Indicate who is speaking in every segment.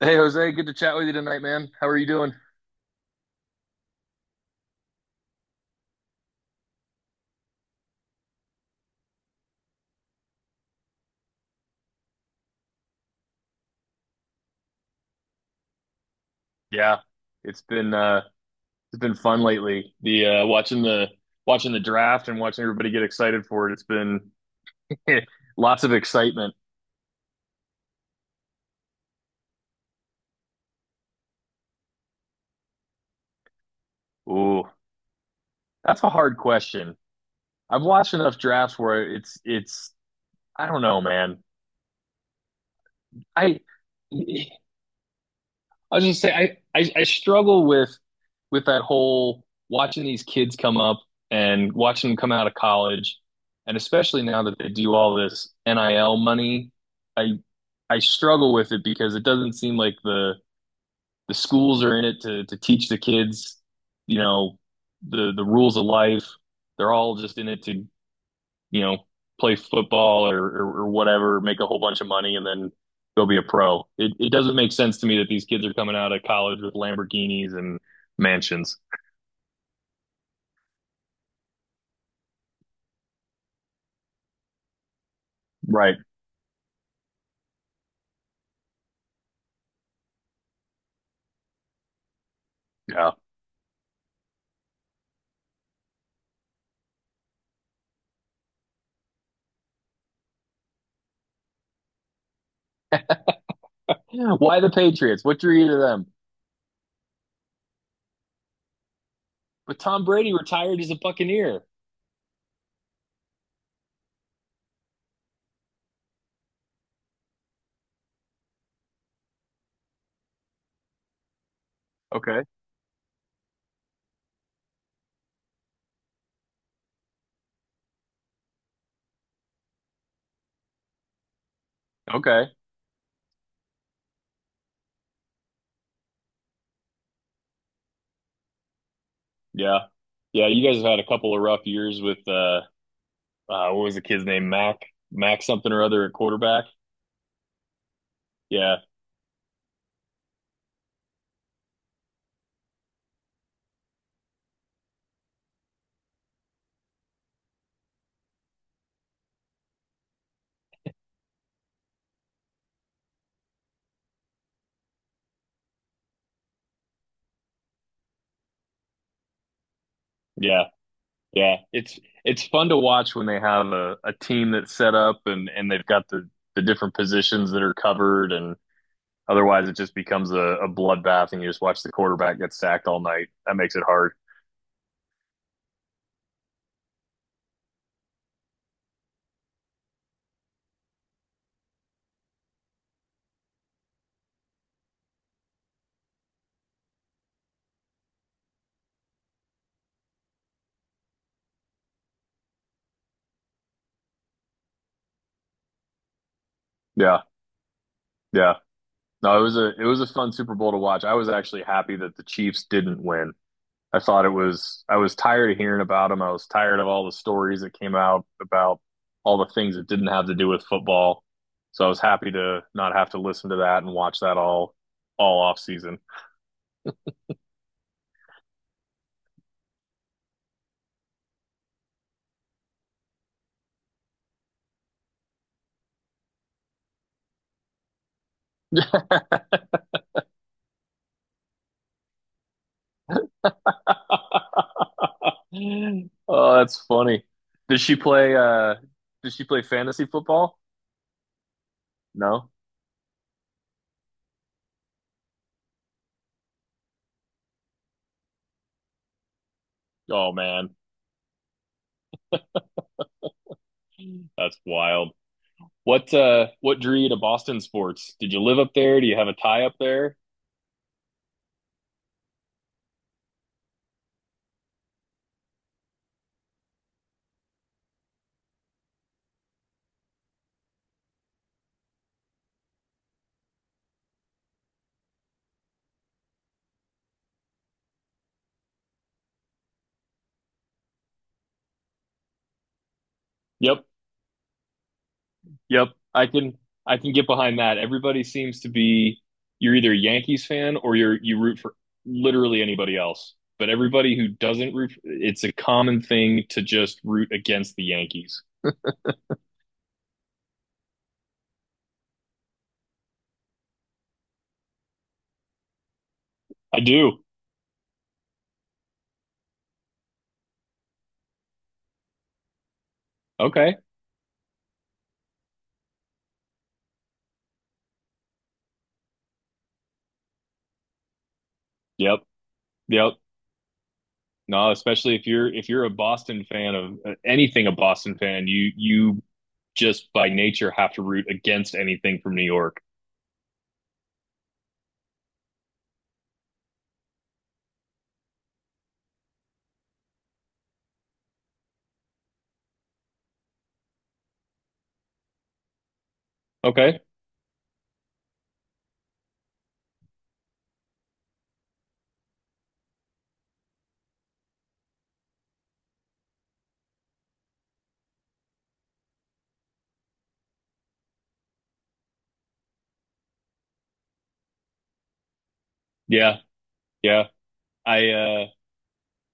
Speaker 1: Hey Jose, good to chat with you tonight, man. How are you doing? Yeah, it's been uh it's been fun lately. The watching the draft and watching everybody get excited for it. It's been lots of excitement. Ooh, that's a hard question. I've watched enough drafts where it's I don't know, man. I I was just saying, I struggle with that whole watching these kids come up and watching them come out of college, and especially now that they do all this NIL money, I I struggle with it because it doesn't seem like the schools are in it to teach the kids, you know, the rules of life. They're all just in it to you know, play football or whatever, make a whole bunch of money, and then go be a pro. It doesn't make sense to me that these kids are coming out of college with Lamborghinis and mansions. Right. Yeah. Yeah. Why the Patriots? What drew you to them? But Tom Brady retired as a Buccaneer. Okay. Okay. Yeah. Yeah. You guys have had a couple of rough years with, what was the kid's name? Mac something or other at quarterback. Yeah. Yeah. Yeah, it's fun to watch when they have a team that's set up and they've got the different positions that are covered and otherwise it just becomes a bloodbath and you just watch the quarterback get sacked all night. That makes it hard. Yeah, yeah. No, it was a fun Super Bowl to watch. I was actually happy that the Chiefs didn't win. I thought it was. I was tired of hearing about him. I was tired of all the stories that came out about all the things that didn't have to do with football. So I was happy to not have to listen to that and watch that all off season. Oh, that's funny. Did she play uh did she play fantasy football? No. Oh man. That's wild. What drew you to Boston sports? Did you live up there? Do you have a tie up there? Yep. Yep, I can get behind that. Everybody seems to be you're either a Yankees fan or you root for literally anybody else. But everybody who doesn't root, it's a common thing to just root against the Yankees. I do. Okay. Yep. Yep. No, especially if you're a Boston fan of anything, a Boston fan, you just by nature have to root against anything from New York. Okay. Yeah. Yeah. I uh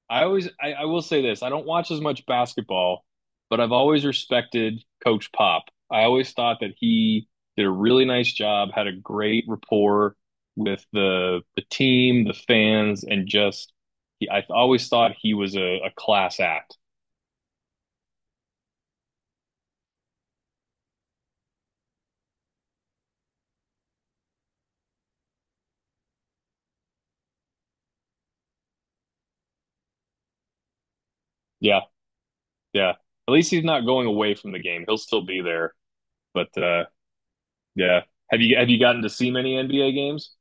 Speaker 1: I always I, I will say this. I don't watch as much basketball, but I've always respected Coach Pop. I always thought that he did a really nice job, had a great rapport with the team, the fans, and just I always thought he was a class act. Yeah, yeah. At least he's not going away from the game. He'll still be there. But yeah. Have you gotten to see many NBA games?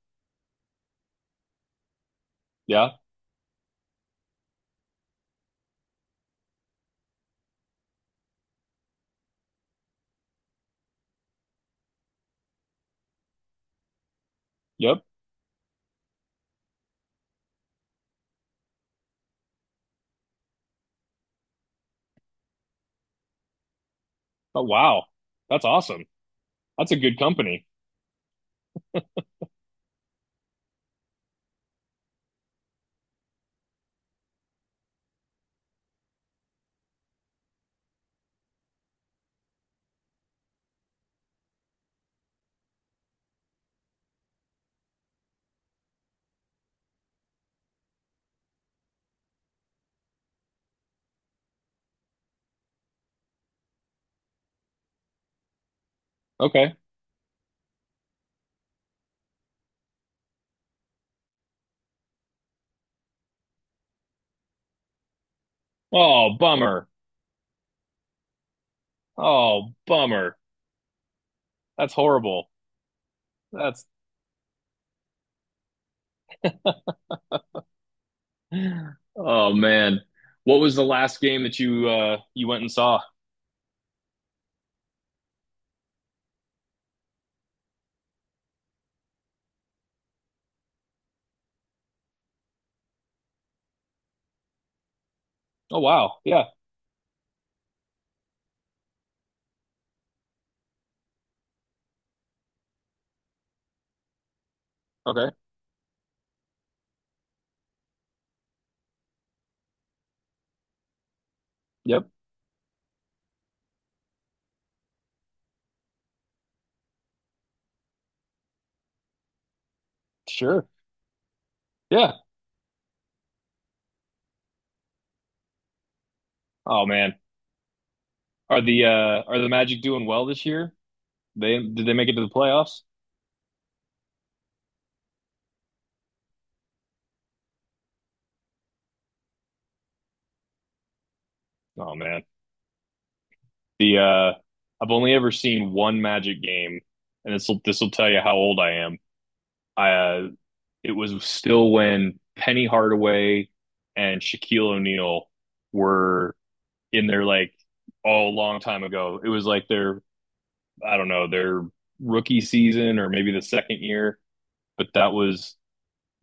Speaker 1: Yeah. Yep. Oh wow. That's awesome. That's a good company. Okay. Oh, bummer. Oh, bummer. That's horrible. That's oh man. What was the last game that you went and saw? Oh wow. Yeah. Okay. Yep. Sure. Yeah. Oh man. Are the are the Magic doing well this year? They Did they make it to the playoffs? Oh man. The I've only ever seen one Magic game, and this will tell you how old I am. I it was still when Penny Hardaway and Shaquille O'Neal were in their like oh long time ago. It was like their I don't know their rookie season or maybe the second year. But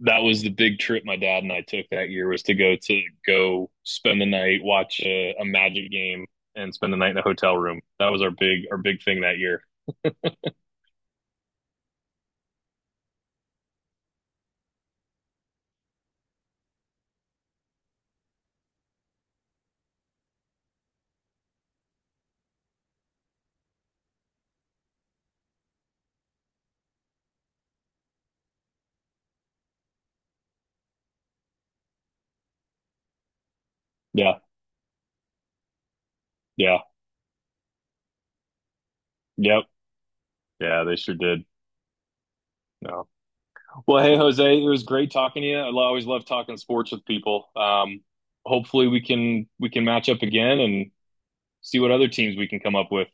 Speaker 1: that was the big trip my dad and I took that year was to go spend the night, watch a Magic game, and spend the night in a hotel room. That was our big thing that year. Yeah, yeah, yep, yeah. They sure did. No. Well, hey Jose, it was great talking to you. I always love talking sports with people. Hopefully we can match up again and see what other teams we can come up with.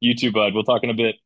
Speaker 1: You too, bud. We'll talk in a bit.